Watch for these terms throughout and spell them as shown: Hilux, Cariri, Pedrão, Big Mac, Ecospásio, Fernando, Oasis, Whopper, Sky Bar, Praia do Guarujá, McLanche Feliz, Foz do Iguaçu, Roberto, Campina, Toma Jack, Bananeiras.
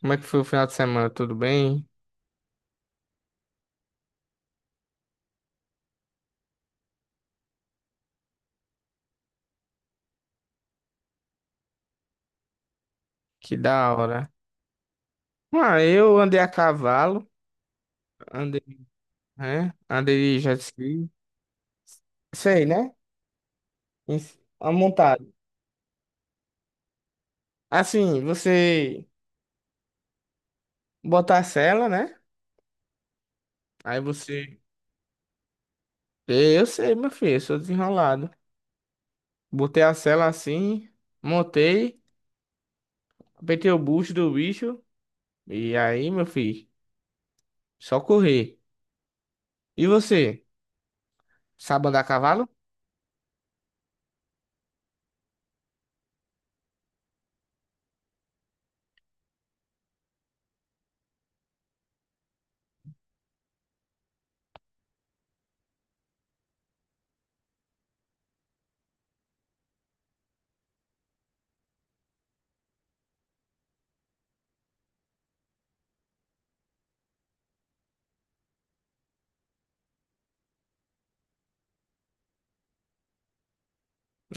Como é que foi o final de semana? Tudo bem? Que da hora. Ah, eu andei a cavalo, andei, né? Andei de jet ski. Sei, né? Em- A montado. Assim, você botar a sela, né? Aí você. Eu sei, meu filho, eu sou desenrolado. Botei a sela assim, montei, apertei o bucho do bicho. E aí, meu filho, só correr. E você? Sabe andar a cavalo?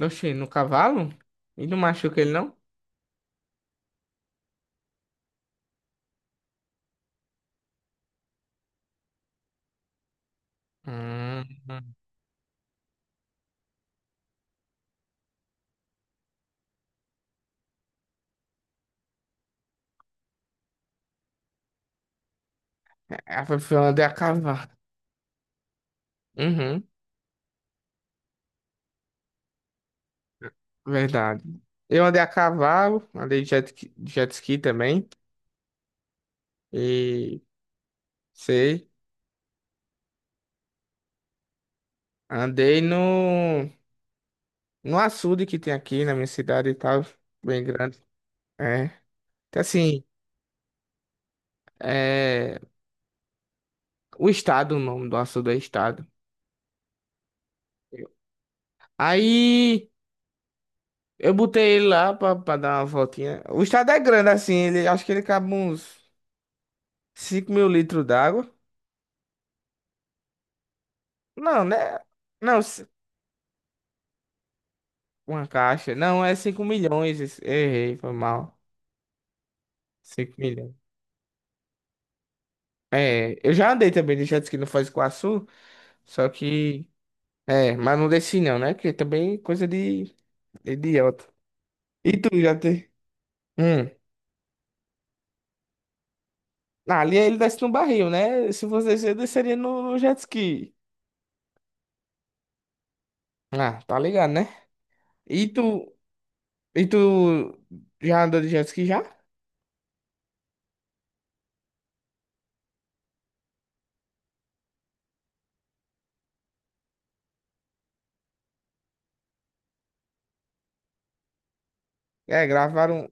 Oxi, no cavalo? E não machuca ele, não? Hum. Eu andei a cavalo. Uhum, verdade. Eu andei a cavalo, andei de jet ski também. E sei. Andei no, no açude que tem aqui na minha cidade e tal. Bem grande. É. Então, assim, é, o estado, o nome do açude é estado. Aí eu botei ele lá pra dar uma voltinha. O estado é grande, assim, ele, acho que ele cabe uns. 5.000 litros d'água? Não, né? Não, ci- uma caixa. Não, é 5.000.000. Errei, foi mal. 5.000.000. É, eu já andei também de jet ski no Foz do Iguaçu, só que... É, mas não desci não, né? Porque também é coisa de idiota. E tu já tem? Hum. Ah, ali ele desce no barril, né? Se você descer, eu desceria no, no jet ski. Ah, tá ligado, né? E tu... E tu já andou de jet ski já? É, gravaram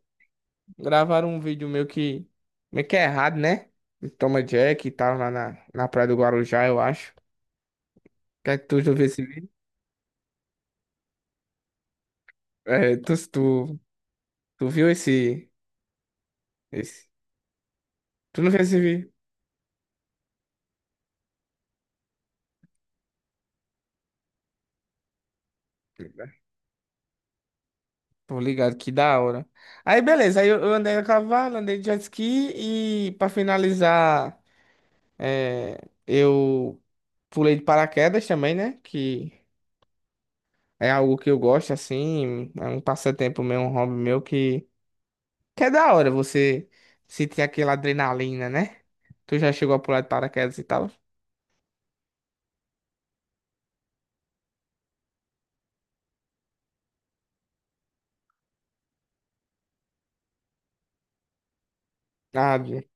Gravaram um vídeo meio que. Meio que é errado, né? Do Toma Jack e tal, lá na, na Praia do Guarujá, eu acho. Quer que tu já viu esse vídeo? É, tu viu esse, esse. Tu não viu esse vídeo? Tô ligado, que da hora. Aí, beleza, aí eu andei a cavalo, andei de jet ski e pra finalizar, é, eu pulei de paraquedas também, né? Que é algo que eu gosto, assim, é um passatempo meu, um hobby meu que. Que é da hora você sentir aquela adrenalina, né? Tu já chegou a pular de paraquedas e tal? Ah, de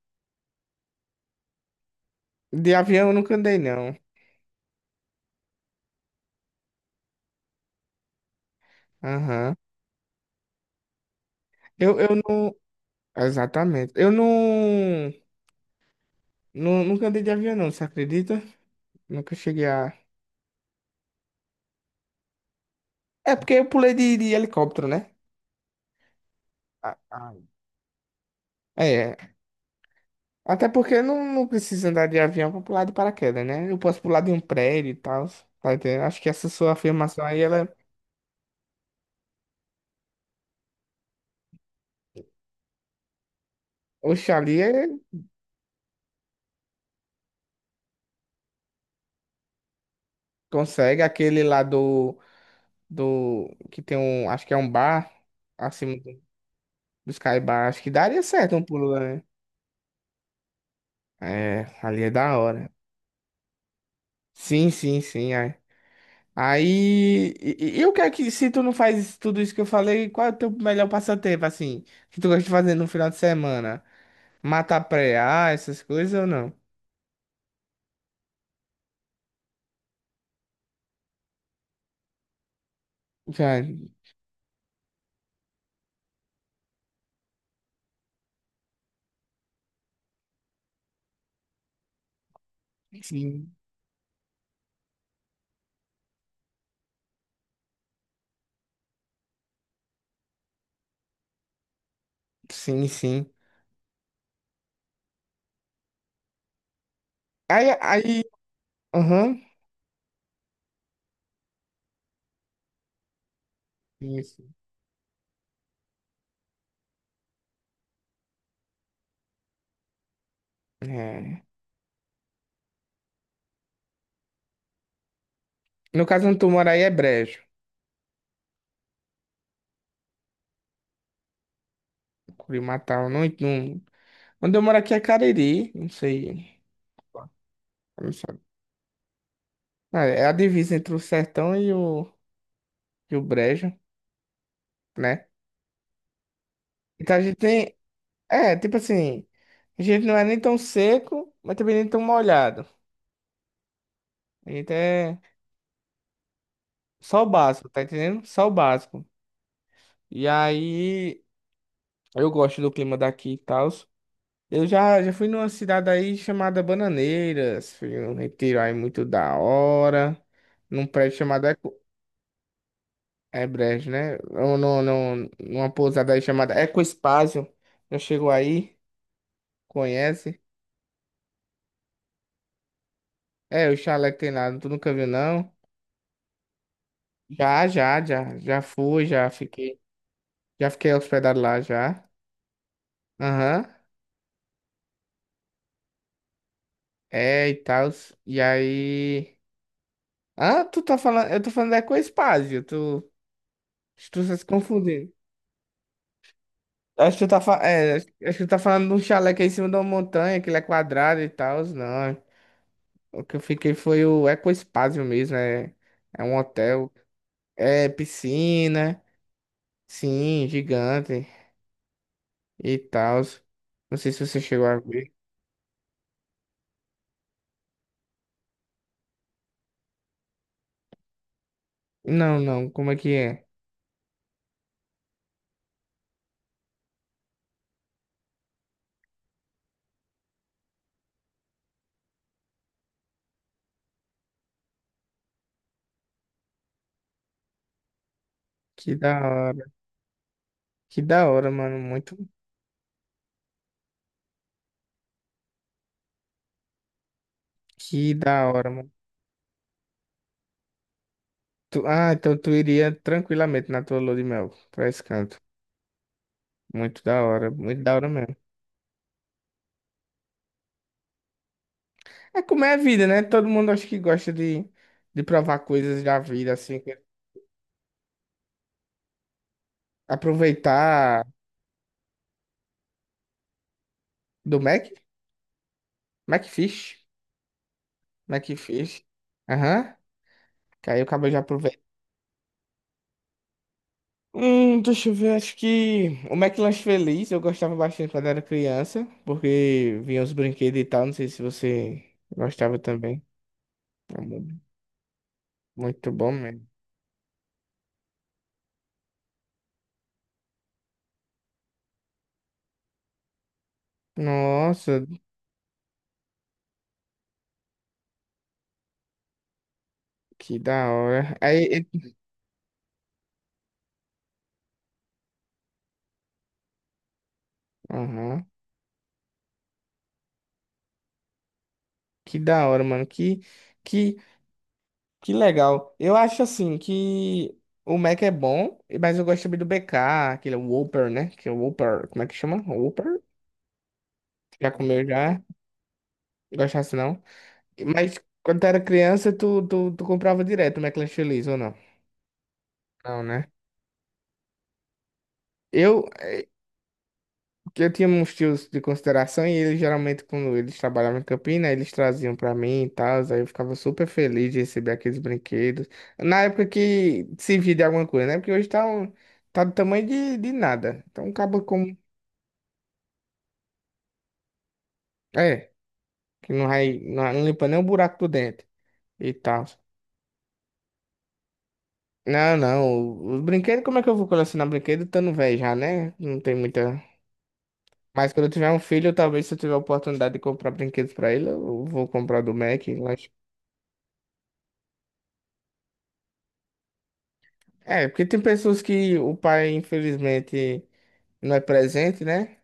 avião eu nunca andei, não. Aham. Eu não. Exatamente. Eu não. Nunca andei de avião, não, você acredita? Nunca cheguei a. É porque eu pulei de helicóptero, né? Ah, ah. É. Até porque não precisa andar de avião pra pular de paraquedas, né? Eu posso pular de um prédio e tal. Tá entendendo? Acho que essa sua afirmação aí, ela. Oxali é- consegue aquele lá do. Do que tem um, acho que é um bar acima do, do Sky Bar, acho que daria certo um pulo lá, né? É, ali é da hora. Sim, sim, sim. Aí, aí e, e o que é que se tu não faz tudo isso que eu falei, qual é o teu melhor passatempo assim, que tu gosta de fazer no final de semana? Matar preá, essas coisas ou não? Já, sim, sim, sim. Aí, aí, aham. Isso. É. No caso, onde tu mora aí é brejo. Curimatá não, não Onde eu moro aqui é Cariri, não sei. Não sabe. Ah, é a divisa entre o sertão e o, o brejo, né? Então a gente tem. É, tipo assim, a gente não é nem tão seco, mas também nem tão molhado. A gente é só o básico, tá entendendo? Só o básico. E aí, eu gosto do clima daqui e tal. Já fui numa cidade aí chamada Bananeiras, fui num retiro aí muito da hora, num prédio chamado É Brejo, né? Ou no, no, numa pousada aí chamada Ecospásio. Já chegou aí? Conhece? É, o chalé que tem lá, tu nunca viu, não? Já fui, já fiquei. Já fiquei hospedado lá, já. Aham. É, e tal. E aí... Ah, tu tá falando... Eu tô falando da Ecospásio. Tu... Acho que tu tá se confundindo. Acho que tu tá, fa... é, acho acho que tu tá falando de um chalé que é em cima de uma montanha, que ele é quadrado e tal. Não, o que eu fiquei foi o Ecospásio mesmo, é um hotel, é piscina, sim, gigante e tal. Não sei se você chegou a ver. Não, não, como é? Que da hora, que da hora, mano, muito, que da hora, mano. Ah, então tu iria tranquilamente na tua lua de mel pra esse canto. Muito da hora mesmo. É como é a vida, né? Todo mundo acho que gosta de provar coisas da vida, assim, aproveitar do Mac. Macfish. Como é que fez? Aham. Que aí eu acabei de aproveitar. Deixa eu ver, acho que o McLanche Feliz eu gostava bastante quando era criança, porque vinha os brinquedos e tal, não sei se você gostava também. É mu- Muito bom mesmo. Nossa, que da hora. Aham. Que da hora, mano. Que, que legal. Eu acho assim que o Mac é bom, mas eu gosto também do BK, aquele Whopper, né? Que é o Whopper, como é que chama? Whopper? Já comeu já? Gostasse não? Mas quando tu era criança, tu comprava direto McLanche Feliz, ou não? Não, né? Eu, eh, que eu tinha uns tios de consideração e eles geralmente, quando eles trabalhavam em Campina, né, eles traziam pra mim e tal, aí eu ficava super feliz de receber aqueles brinquedos. Na época que servia de alguma coisa, né? Porque hoje tá, tá do tamanho de nada. Então acaba com. É, que não vai, não limpa nem o buraco do dente e tal. Não, não, os brinquedos, como é que eu vou colecionar brinquedo estando velho já, né? Não tem muita. Mas quando eu tiver um filho, talvez se eu tiver a oportunidade de comprar brinquedos pra ele, eu vou comprar do Mac. Eu acho. É, porque tem pessoas que o pai, infelizmente, não é presente, né?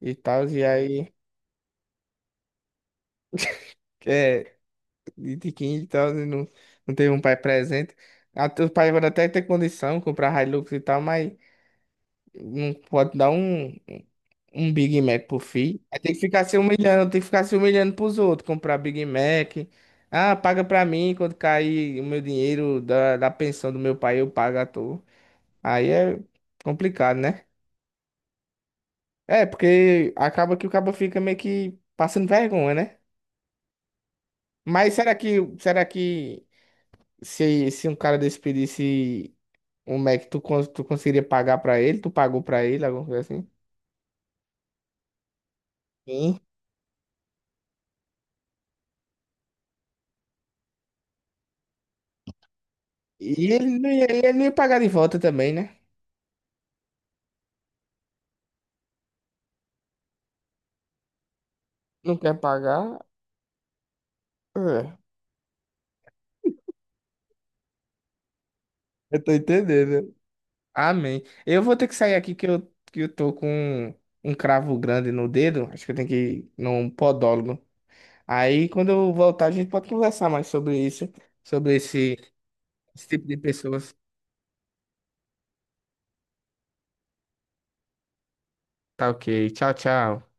E tal, e aí, é, de quem e tal, e não, não teve um pai presente. Até o pai vai até ter condição de comprar Hilux e tal, mas não pode dar um. Um Big Mac pro filho. Aí tem que ficar se humilhando, tem que ficar se humilhando pros outros, comprar Big Mac. Ah, paga pra mim quando cair o meu dinheiro da, da pensão do meu pai, eu pago à toa. Aí é complicado, né? É, porque acaba que o cabo fica meio que passando vergonha, né? Mas será que se um cara desse pedisse um Mac, tu, tu conseguiria pagar pra ele? Tu pagou pra ele, alguma coisa assim? Sim. E ele não ia pagar de volta também, né? Não quer pagar. É. Eu tô entendendo. Amém. Eu vou ter que sair aqui que que eu tô com um cravo grande no dedo. Acho que eu tenho que ir num podólogo. Aí, quando eu voltar, a gente pode conversar mais sobre isso, sobre esse tipo de pessoas. Tá ok. Tchau, tchau.